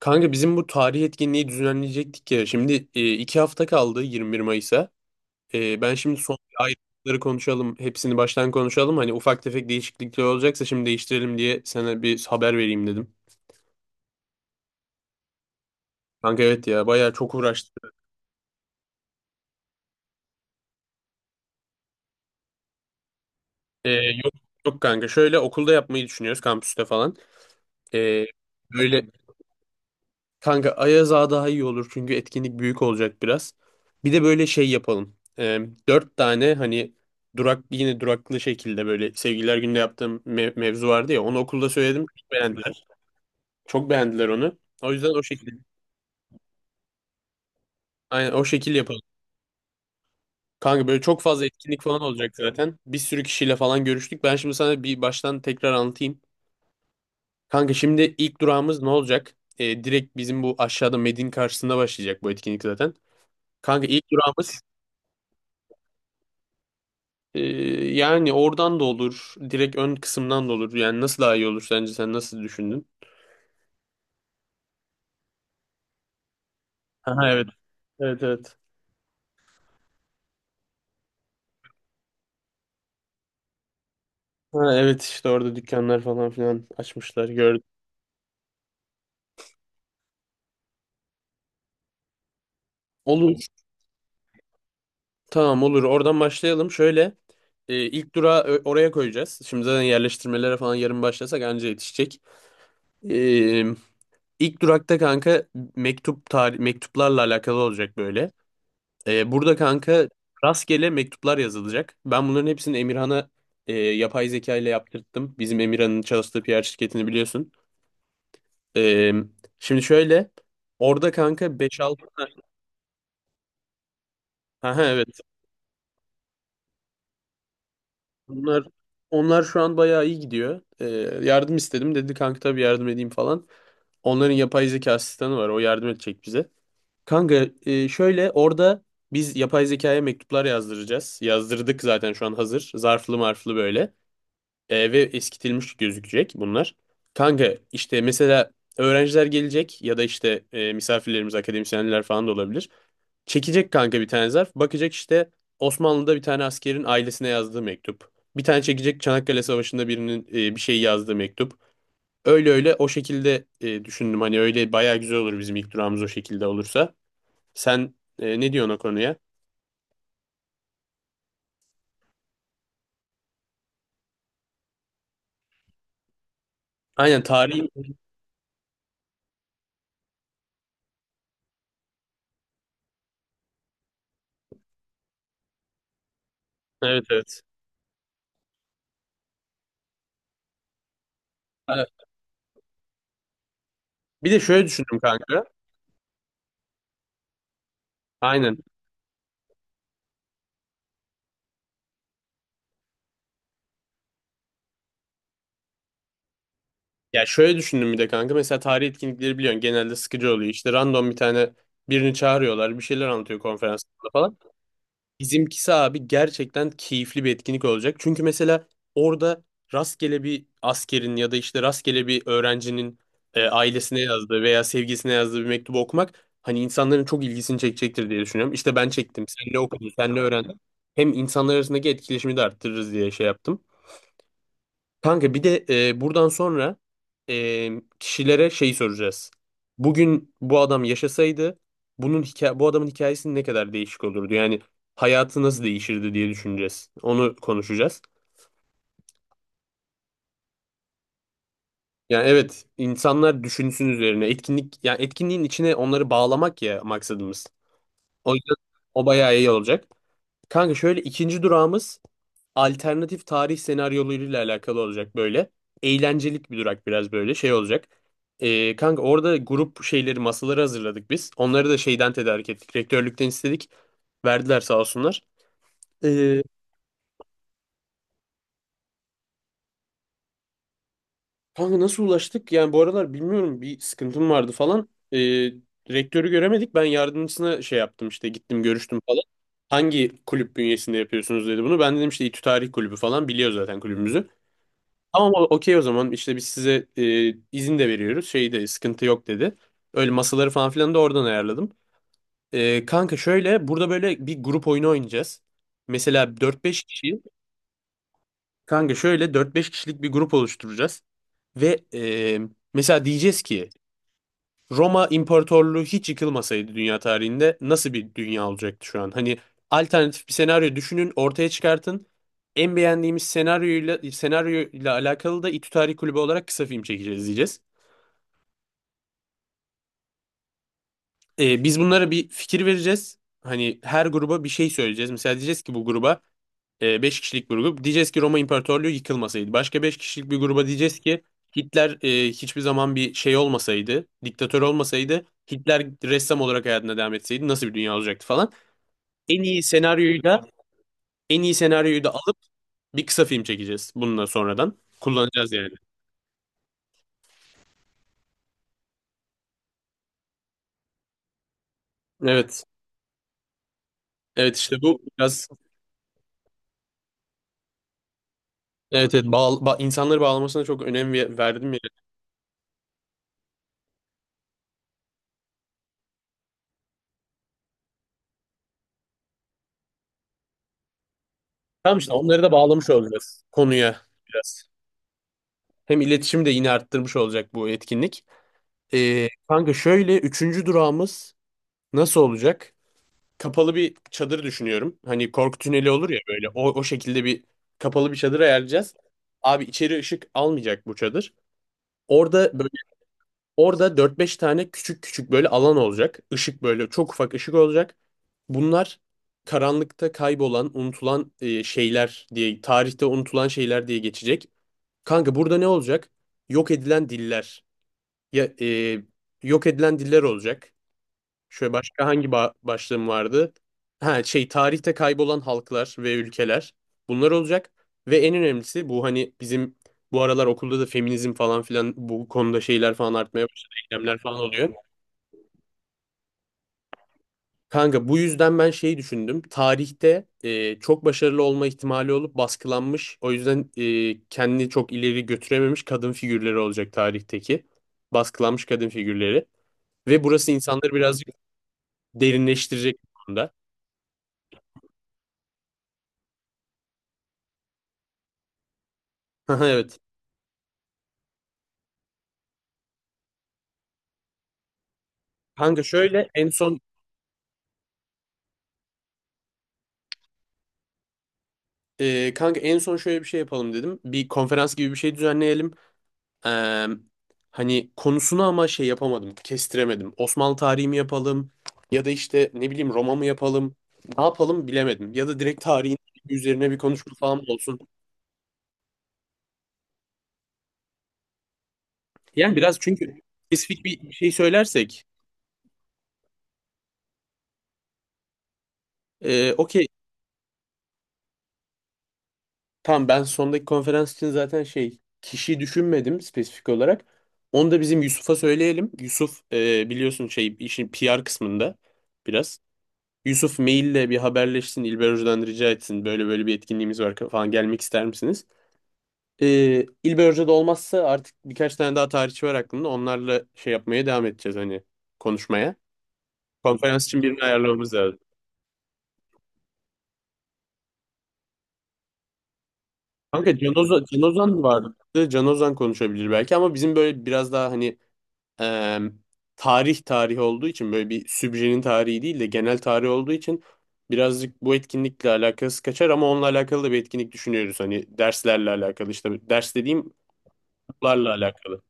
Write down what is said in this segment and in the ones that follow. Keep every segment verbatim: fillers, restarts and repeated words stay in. Kanka bizim bu tarih etkinliği düzenleyecektik ya. Şimdi e, iki hafta kaldı yirmi bir Mayıs'a. E, ben şimdi son ayrıntıları konuşalım. Hepsini baştan konuşalım. Hani ufak tefek değişiklikler olacaksa şimdi değiştirelim diye sana bir haber vereyim dedim. Kanka evet ya bayağı çok uğraştık. E, yok yok kanka şöyle okulda yapmayı düşünüyoruz kampüste falan. E, böyle Kanka Ayaz Ağa daha iyi olur çünkü etkinlik büyük olacak biraz. Bir de böyle şey yapalım. Ee, dört tane hani durak yine duraklı şekilde böyle sevgililer günde yaptığım me- mevzu vardı ya onu okulda söyledim çok beğendiler. Çok beğendiler onu. O yüzden o şekilde. Aynen o şekil yapalım. Kanka böyle çok fazla etkinlik falan olacak zaten. Bir sürü kişiyle falan görüştük. Ben şimdi sana bir baştan tekrar anlatayım. Kanka şimdi ilk durağımız ne olacak? Ee, direkt bizim bu aşağıda Medin karşısında başlayacak bu etkinlik zaten. Kanka ilk durağımız Ee, Yani oradan da olur. Direkt ön kısımdan da olur. Yani nasıl daha iyi olur sence? Sen nasıl düşündün? Aha, evet. Evet, evet. Ha, evet işte orada dükkanlar falan filan açmışlar gördüm. Olur. Tamam, olur. Oradan başlayalım. Şöyle e, ilk durağı ö- oraya koyacağız. Şimdi zaten yerleştirmelere falan yarın başlasak anca yetişecek. E, ilk durakta kanka mektup tarih mektuplarla alakalı olacak böyle. Ee, burada kanka rastgele mektuplar yazılacak. Ben bunların hepsini Emirhan'a e, yapay zeka ile yaptırttım. Bizim Emirhan'ın çalıştığı P R şirketini biliyorsun. Ee, şimdi şöyle orada kanka beş altı ha evet bunlar onlar şu an bayağı iyi gidiyor. Ee, yardım istedim dedi kanka tabii yardım edeyim falan. Onların yapay zeka asistanı var o yardım edecek bize. Kanka e, şöyle orada biz yapay zekaya mektuplar yazdıracağız. Yazdırdık zaten şu an hazır. Zarflı marflı böyle. E, ve eskitilmiş gözükecek bunlar. Kanka işte mesela öğrenciler gelecek ya da işte e, misafirlerimiz akademisyenler falan da olabilir. Çekecek kanka bir tane zarf. Bakacak işte Osmanlı'da bir tane askerin ailesine yazdığı mektup. Bir tane çekecek Çanakkale Savaşı'nda birinin e, bir şey yazdığı mektup. Öyle öyle o şekilde e, düşündüm. Hani öyle bayağı güzel olur bizim ilk durağımız o şekilde olursa. Sen e, ne diyorsun o konuya? Aynen, tarihi. Evet, evet. Ha, bir de şöyle düşündüm kanka. Aynen. Ya şöyle düşündüm bir de kanka. Mesela tarih etkinlikleri biliyorsun genelde sıkıcı oluyor. İşte random bir tane birini çağırıyorlar. Bir şeyler anlatıyor konferansında falan. Bizimkisi abi gerçekten keyifli bir etkinlik olacak. Çünkü mesela orada rastgele bir askerin ya da işte rastgele bir öğrencinin e, ailesine yazdığı veya sevgisine yazdığı bir mektubu okumak hani insanların çok ilgisini çekecektir diye düşünüyorum. İşte ben çektim. Senle okudum, senle öğrendin? Hem insanlar arasındaki etkileşimi de arttırırız diye şey yaptım. Kanka bir de e, buradan sonra e, kişilere şey soracağız. Bugün bu adam yaşasaydı bunun hikaye bu adamın hikayesi ne kadar değişik olurdu? Yani hayatı nasıl değişirdi diye düşüneceğiz. Onu konuşacağız. Yani evet insanlar düşünsün üzerine etkinlik yani etkinliğin içine onları bağlamak ya maksadımız. O yüzden o bayağı iyi olacak. Kanka şöyle ikinci durağımız alternatif tarih senaryolarıyla alakalı olacak böyle. Eğlencelik bir durak biraz böyle şey olacak. Ee, kanka orada grup şeyleri masaları hazırladık biz. Onları da şeyden tedarik ettik. Rektörlükten istedik. Verdiler sağ olsunlar. Ee, kanka nasıl ulaştık? Yani bu aralar bilmiyorum bir sıkıntım vardı falan. Ee, rektörü göremedik. Ben yardımcısına şey yaptım işte gittim görüştüm falan. Hangi kulüp bünyesinde yapıyorsunuz dedi bunu. Ben dedim işte İTÜ Tarih Kulübü falan biliyor zaten kulübümüzü. Tamam o- okey o zaman işte biz size e, izin de veriyoruz. Şey de sıkıntı yok dedi. Öyle masaları falan filan da oradan ayarladım. E, kanka şöyle burada böyle bir grup oyunu oynayacağız. Mesela dört beş kişi kanka şöyle dört beş kişilik bir grup oluşturacağız. Ve e, mesela diyeceğiz ki Roma İmparatorluğu hiç yıkılmasaydı dünya tarihinde nasıl bir dünya olacaktı şu an? Hani alternatif bir senaryo düşünün ortaya çıkartın. En beğendiğimiz senaryoyla senaryoyla alakalı da İTÜ Tarih Kulübü olarak kısa film çekeceğiz diyeceğiz. E, biz bunlara bir fikir vereceğiz. Hani her gruba bir şey söyleyeceğiz. Mesela diyeceğiz ki bu gruba beş kişilik bir grup. Diyeceğiz ki Roma İmparatorluğu yıkılmasaydı. Başka beş kişilik bir gruba diyeceğiz ki Hitler e, hiçbir zaman bir şey olmasaydı, diktatör olmasaydı, Hitler ressam olarak hayatına devam etseydi nasıl bir dünya olacaktı falan. En iyi senaryoyu da en iyi senaryoyu da alıp bir kısa film çekeceğiz bununla sonradan. Kullanacağız yani. Evet. Evet işte bu biraz evet, evet bağ, ba- insanları bağlamasına çok önem ve- verdim ya. Tamam işte onları da bağlamış olacağız konuya biraz. Hem iletişimi de yine arttırmış olacak bu etkinlik. Ee, kanka şöyle üçüncü durağımız nasıl olacak? Kapalı bir çadır düşünüyorum. Hani korku tüneli olur ya böyle o, o şekilde bir kapalı bir çadır ayarlayacağız. Abi içeri ışık almayacak bu çadır. Orada böyle orada dört beş tane küçük küçük böyle alan olacak. Işık böyle çok ufak ışık olacak. Bunlar karanlıkta kaybolan, unutulan e, şeyler diye, tarihte unutulan şeyler diye geçecek. Kanka burada ne olacak? Yok edilen diller. Ya, e, yok edilen diller olacak. Şöyle başka hangi ba- başlığım vardı? Ha şey tarihte kaybolan halklar ve ülkeler. Bunlar olacak. Ve en önemlisi bu hani bizim bu aralar okulda da feminizm falan filan bu konuda şeyler falan artmaya başladı. Eylemler falan oluyor. Kanka bu yüzden ben şeyi düşündüm. Tarihte e, çok başarılı olma ihtimali olup baskılanmış. O yüzden e, kendini çok ileri götürememiş kadın figürleri olacak tarihteki. Baskılanmış kadın figürleri. Ve burası insanları birazcık derinleştirecek bu konuda. Haha, evet. Kanka şöyle en son e, kanka en son şöyle bir şey yapalım dedim. Bir konferans gibi bir şey düzenleyelim. Ee, hani konusunu ama şey yapamadım, kestiremedim. Osmanlı tarihi mi yapalım ya da işte ne bileyim Roma mı yapalım? Ne yapalım bilemedim. Ya da direkt tarihin üzerine bir konuşma falan mı olsun? Yani biraz çünkü spesifik bir şey söylersek e, okey tamam ben sondaki konferans için zaten şey kişiyi düşünmedim spesifik olarak. Onu da bizim Yusuf'a söyleyelim. Yusuf e, biliyorsun şey işin P R kısmında biraz. Yusuf maille bir haberleşsin. İlber Hoca'dan rica etsin. Böyle böyle bir etkinliğimiz var falan gelmek ister misiniz? Ee, İlber Hoca da olmazsa artık birkaç tane daha tarihçi var aklımda. Onlarla şey yapmaya devam edeceğiz hani konuşmaya. Konferans için birini ayarlamamız lazım. Kanka Can Ozan, Can Ozan vardı. Can Ozan konuşabilir belki ama bizim böyle biraz daha hani e, tarih tarih olduğu için böyle bir sübjenin tarihi değil de genel tarih olduğu için birazcık bu etkinlikle alakası kaçar ama onunla alakalı da bir etkinlik düşünüyoruz. Hani derslerle alakalı işte ders dediğim okullarla alakalı.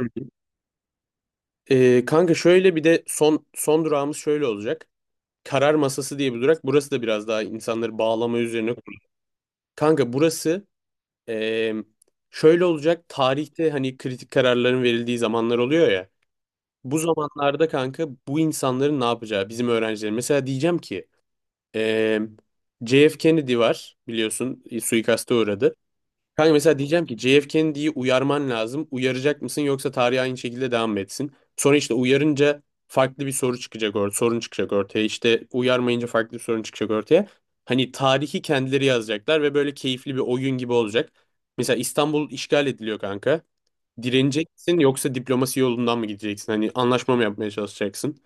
Hı hı. E, kanka şöyle bir de son son durağımız şöyle olacak. Karar masası diye bir durak. Burası da biraz daha insanları bağlama üzerine kurulu. Kanka burası e, şöyle olacak. Tarihte hani kritik kararların verildiği zamanlar oluyor ya. Bu zamanlarda kanka bu insanların ne yapacağı bizim öğrencilerin. Mesela diyeceğim ki eee J F Kennedy var biliyorsun e, suikaste uğradı. Kanka mesela diyeceğim ki J F Kennedy'yi uyarman lazım. Uyaracak mısın yoksa tarih aynı şekilde devam mı etsin? Sonra işte uyarınca farklı bir soru çıkacak or sorun çıkacak ortaya. İşte uyarmayınca farklı bir sorun çıkacak ortaya. Hani tarihi kendileri yazacaklar ve böyle keyifli bir oyun gibi olacak. Mesela İstanbul işgal ediliyor kanka. Direnecek yoksa diplomasi yolundan mı gideceksin? Hani anlaşma mı yapmaya çalışacaksın?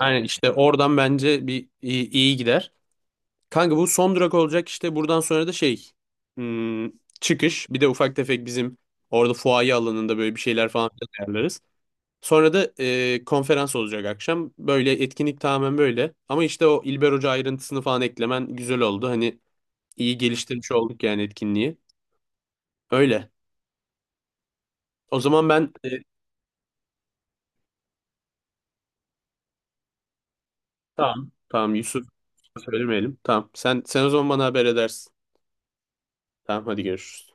Yani işte oradan bence bir iyi, iyi gider. Kanka bu son durak olacak işte buradan sonra da şey hmm, çıkış. Bir de ufak tefek bizim orada fuaye alanında böyle bir şeyler falan filan ayarlarız. Sonra da e, konferans olacak akşam. Böyle etkinlik tamamen böyle. Ama işte o İlber Hoca ayrıntısını falan eklemen güzel oldu. Hani iyi geliştirmiş olduk yani etkinliği. Öyle. O zaman ben e, Tamam. Tamam, Yusuf söylemeyelim. Tamam. Sen sen o zaman bana haber edersin. Tamam, hadi görüşürüz.